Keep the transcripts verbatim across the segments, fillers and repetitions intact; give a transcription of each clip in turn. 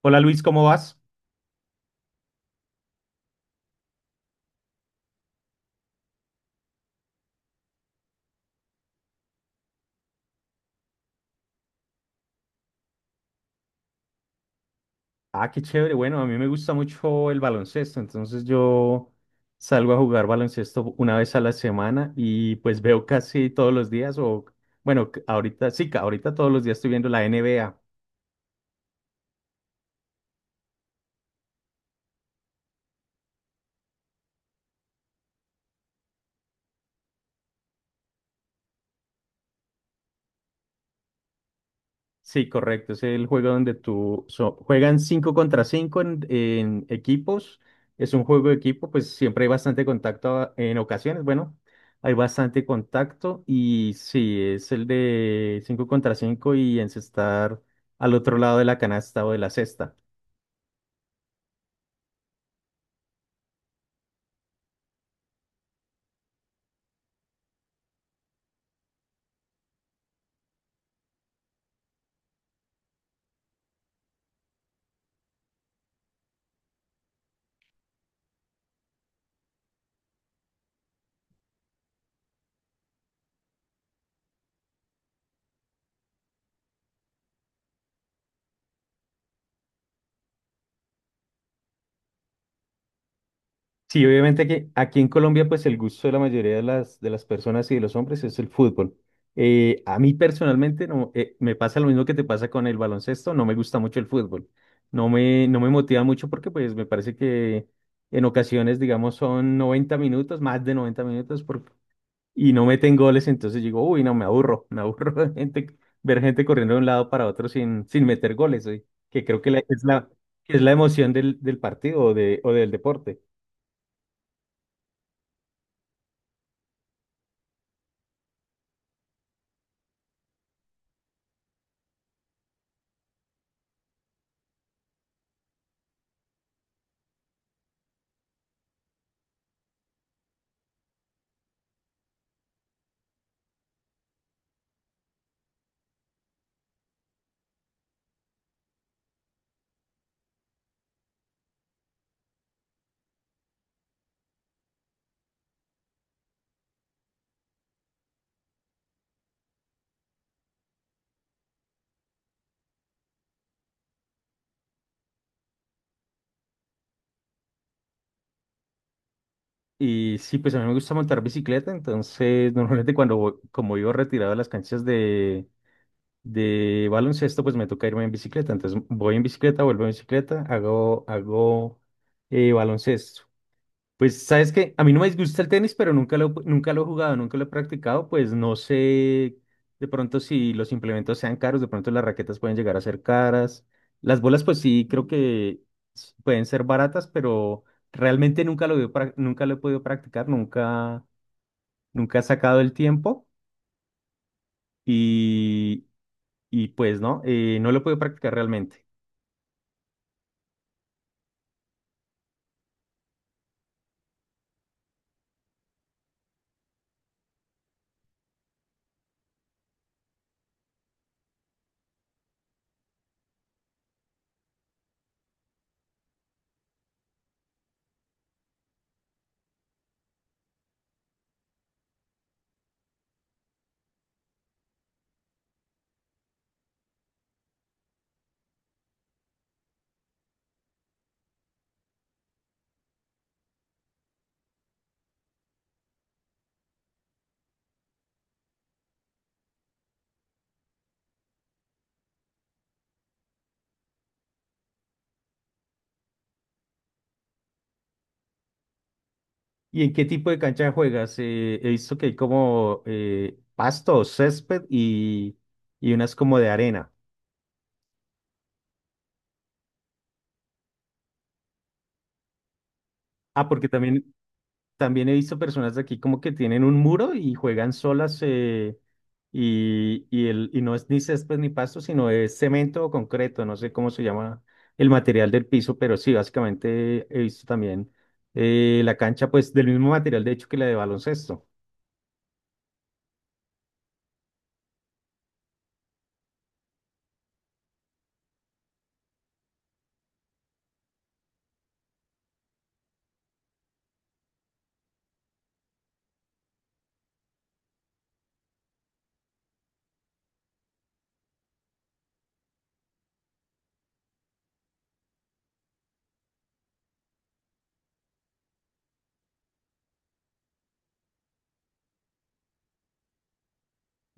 Hola Luis, ¿cómo vas? Ah, qué chévere. Bueno, a mí me gusta mucho el baloncesto, entonces yo salgo a jugar baloncesto una vez a la semana y pues veo casi todos los días o bueno, c- ahorita sí, ca- ahorita todos los días estoy viendo la N B A. Sí, correcto. Es el juego donde tú so- juegan cinco contra cinco en, en equipos. Es un juego de equipo, pues siempre hay bastante contacto a- en ocasiones. Bueno, hay bastante contacto y sí, es el de cinco contra cinco y encestar al otro lado de la canasta o de la cesta. Sí, obviamente que aquí en Colombia, pues el gusto de la mayoría de las, de las personas y de los hombres es el fútbol. Eh, a mí personalmente no, eh, me pasa lo mismo que te pasa con el baloncesto, no me gusta mucho el fútbol. No me, no me motiva mucho porque pues me parece que en ocasiones, digamos, son noventa minutos, más de noventa minutos, por- y no meten goles, entonces digo, uy, no, me aburro, me aburro de gente, ver gente corriendo de un lado para otro sin, sin meter goles, eh, que creo que la- es la, que es la emoción del, del partido o de, o del deporte. Y sí, pues a mí me gusta montar bicicleta, entonces normalmente cuando voy- como vivo retirado de las canchas de, de baloncesto, pues me toca irme en bicicleta. Entonces voy en bicicleta, vuelvo en bicicleta, hago, hago eh, baloncesto. Pues sabes que a mí no me disgusta el tenis, pero nunca lo, nunca lo he jugado, nunca lo he practicado, pues no sé de pronto si los implementos sean caros, de pronto las raquetas pueden llegar a ser caras. Las bolas pues sí creo que s- pueden ser baratas, pero realmente nunca lo he, prac- nunca lo he podido practicar, nunca, nunca he sacado el tiempo y, y pues no, eh, no lo he podido practicar realmente. ¿Y en qué tipo de cancha juegas? Eh, he visto que hay como eh, pasto, césped y, y unas como de arena. Ah, porque también, también he visto personas de aquí como que tienen un muro y juegan solas eh, y, y, el, y no es ni césped ni pasto, sino es cemento o concreto, no sé cómo se llama el material del piso, pero sí, básicamente he visto también eh, la cancha pues del mismo material de hecho que la de baloncesto.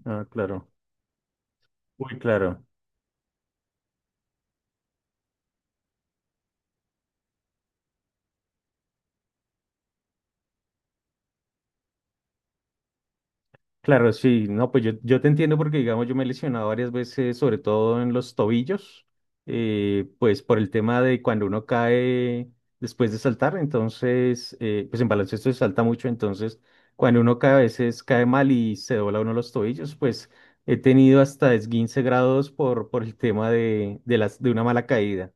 Ah, claro. Muy claro. Claro, sí, no, pues yo, yo te entiendo porque, digamos, yo me he lesionado varias veces, sobre todo en los tobillos, eh, pues por el tema de cuando uno cae después de saltar, entonces, eh, pues en baloncesto se salta mucho, entonces, cuando uno cae a veces cae mal y se dobla uno los tobillos, pues he tenido hasta esguince grados por, por el tema de, de las, de una mala caída.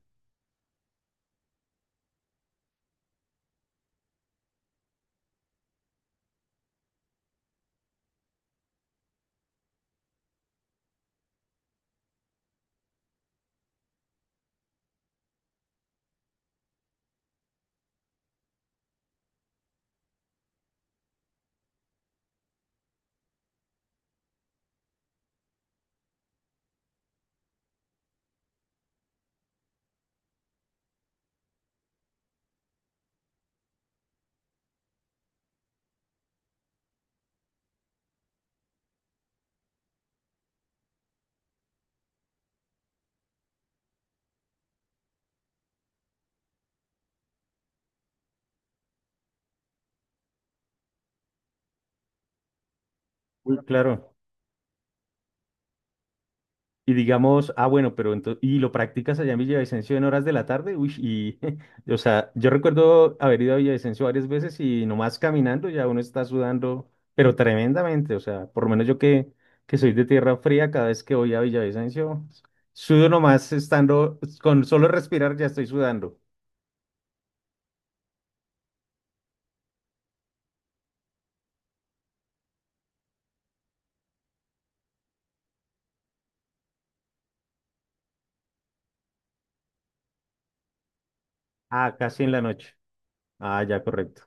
Uy, claro. Y digamos, ah, bueno, pero entonces, y lo practicas allá en Villavicencio en horas de la tarde, uy, y, o sea, yo recuerdo haber ido a Villavicencio varias veces y nomás caminando ya uno está sudando, pero tremendamente, o sea, por lo menos yo que, que, soy de tierra fría, cada vez que voy a Villavicencio, sudo nomás estando, con solo respirar ya estoy sudando. Ah, casi en la noche. Ah, ya, correcto.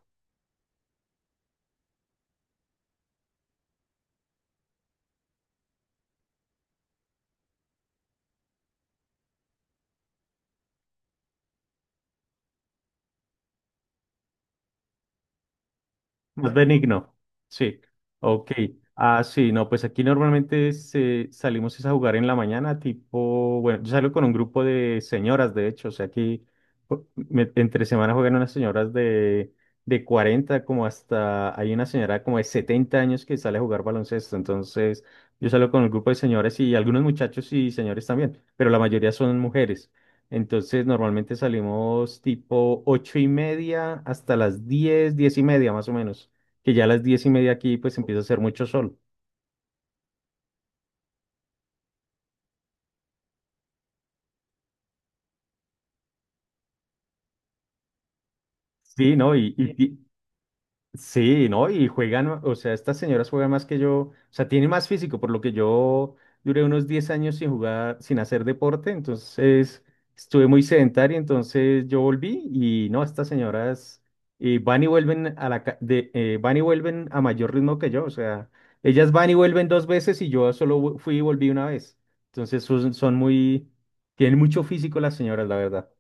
Más benigno, sí. Ok. Ah, sí, no, pues aquí normalmente se- salimos es a jugar en la mañana, tipo, bueno, yo salgo con un grupo de señoras, de hecho, o sea, aquí pu- me- entre semana juegan unas señoras de, de cuarenta como hasta, hay una señora como de setenta años que sale a jugar baloncesto, entonces yo salgo con un grupo de señoras y algunos muchachos y señores también, pero la mayoría son mujeres. Entonces normalmente salimos tipo ocho y media hasta las diez, diez y media más o menos que ya a las diez y media aquí pues empieza a hacer mucho sol. Sí, ¿no? Y, y, ti- sí, ¿no? Y juegan, o sea, estas señoras juegan más que yo, o sea, tienen más físico, por lo que yo duré unos diez años sin jugar, sin hacer deporte, entonces estuve muy sedentario, entonces yo volví y no, estas señoras eh, van y vuelven a la, ca- de, eh, van y vuelven a mayor ritmo que yo, o sea, ellas van y vuelven dos veces y yo solo vo- fui y volví una vez. Entonces son, son muy, tienen mucho físico las señoras, la verdad.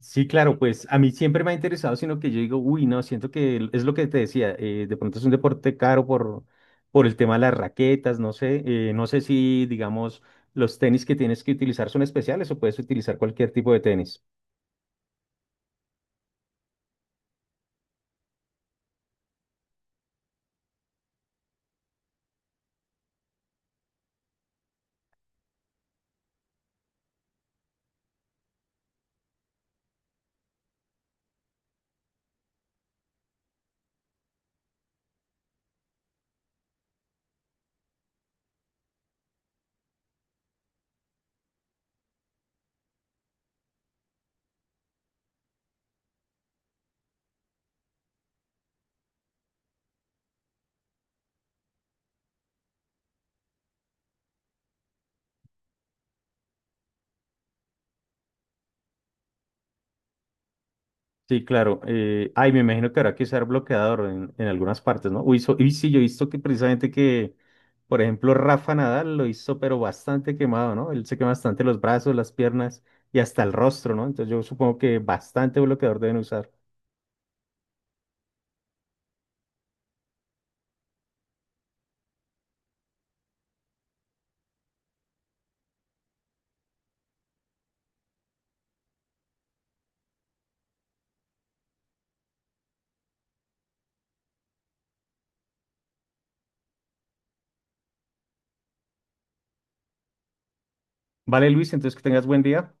Sí, claro, pues a mí siempre me ha interesado, sino que yo digo, uy, no, siento que el- es lo que te decía, eh, de pronto es un deporte caro por, por, el tema de las raquetas, no sé, eh, no sé si, digamos, los tenis que tienes que utilizar son especiales o puedes utilizar cualquier tipo de tenis. Sí, claro, eh, ay, me imagino que habrá que usar bloqueador en, en algunas partes, ¿no? Uy, so- y sí, yo he visto que precisamente que, por ejemplo, Rafa Nadal lo hizo, pero bastante quemado, ¿no? Él se quema bastante los brazos, las piernas y hasta el rostro, ¿no? Entonces yo supongo que bastante bloqueador deben usar. Vale, Luis, entonces que tengas buen día.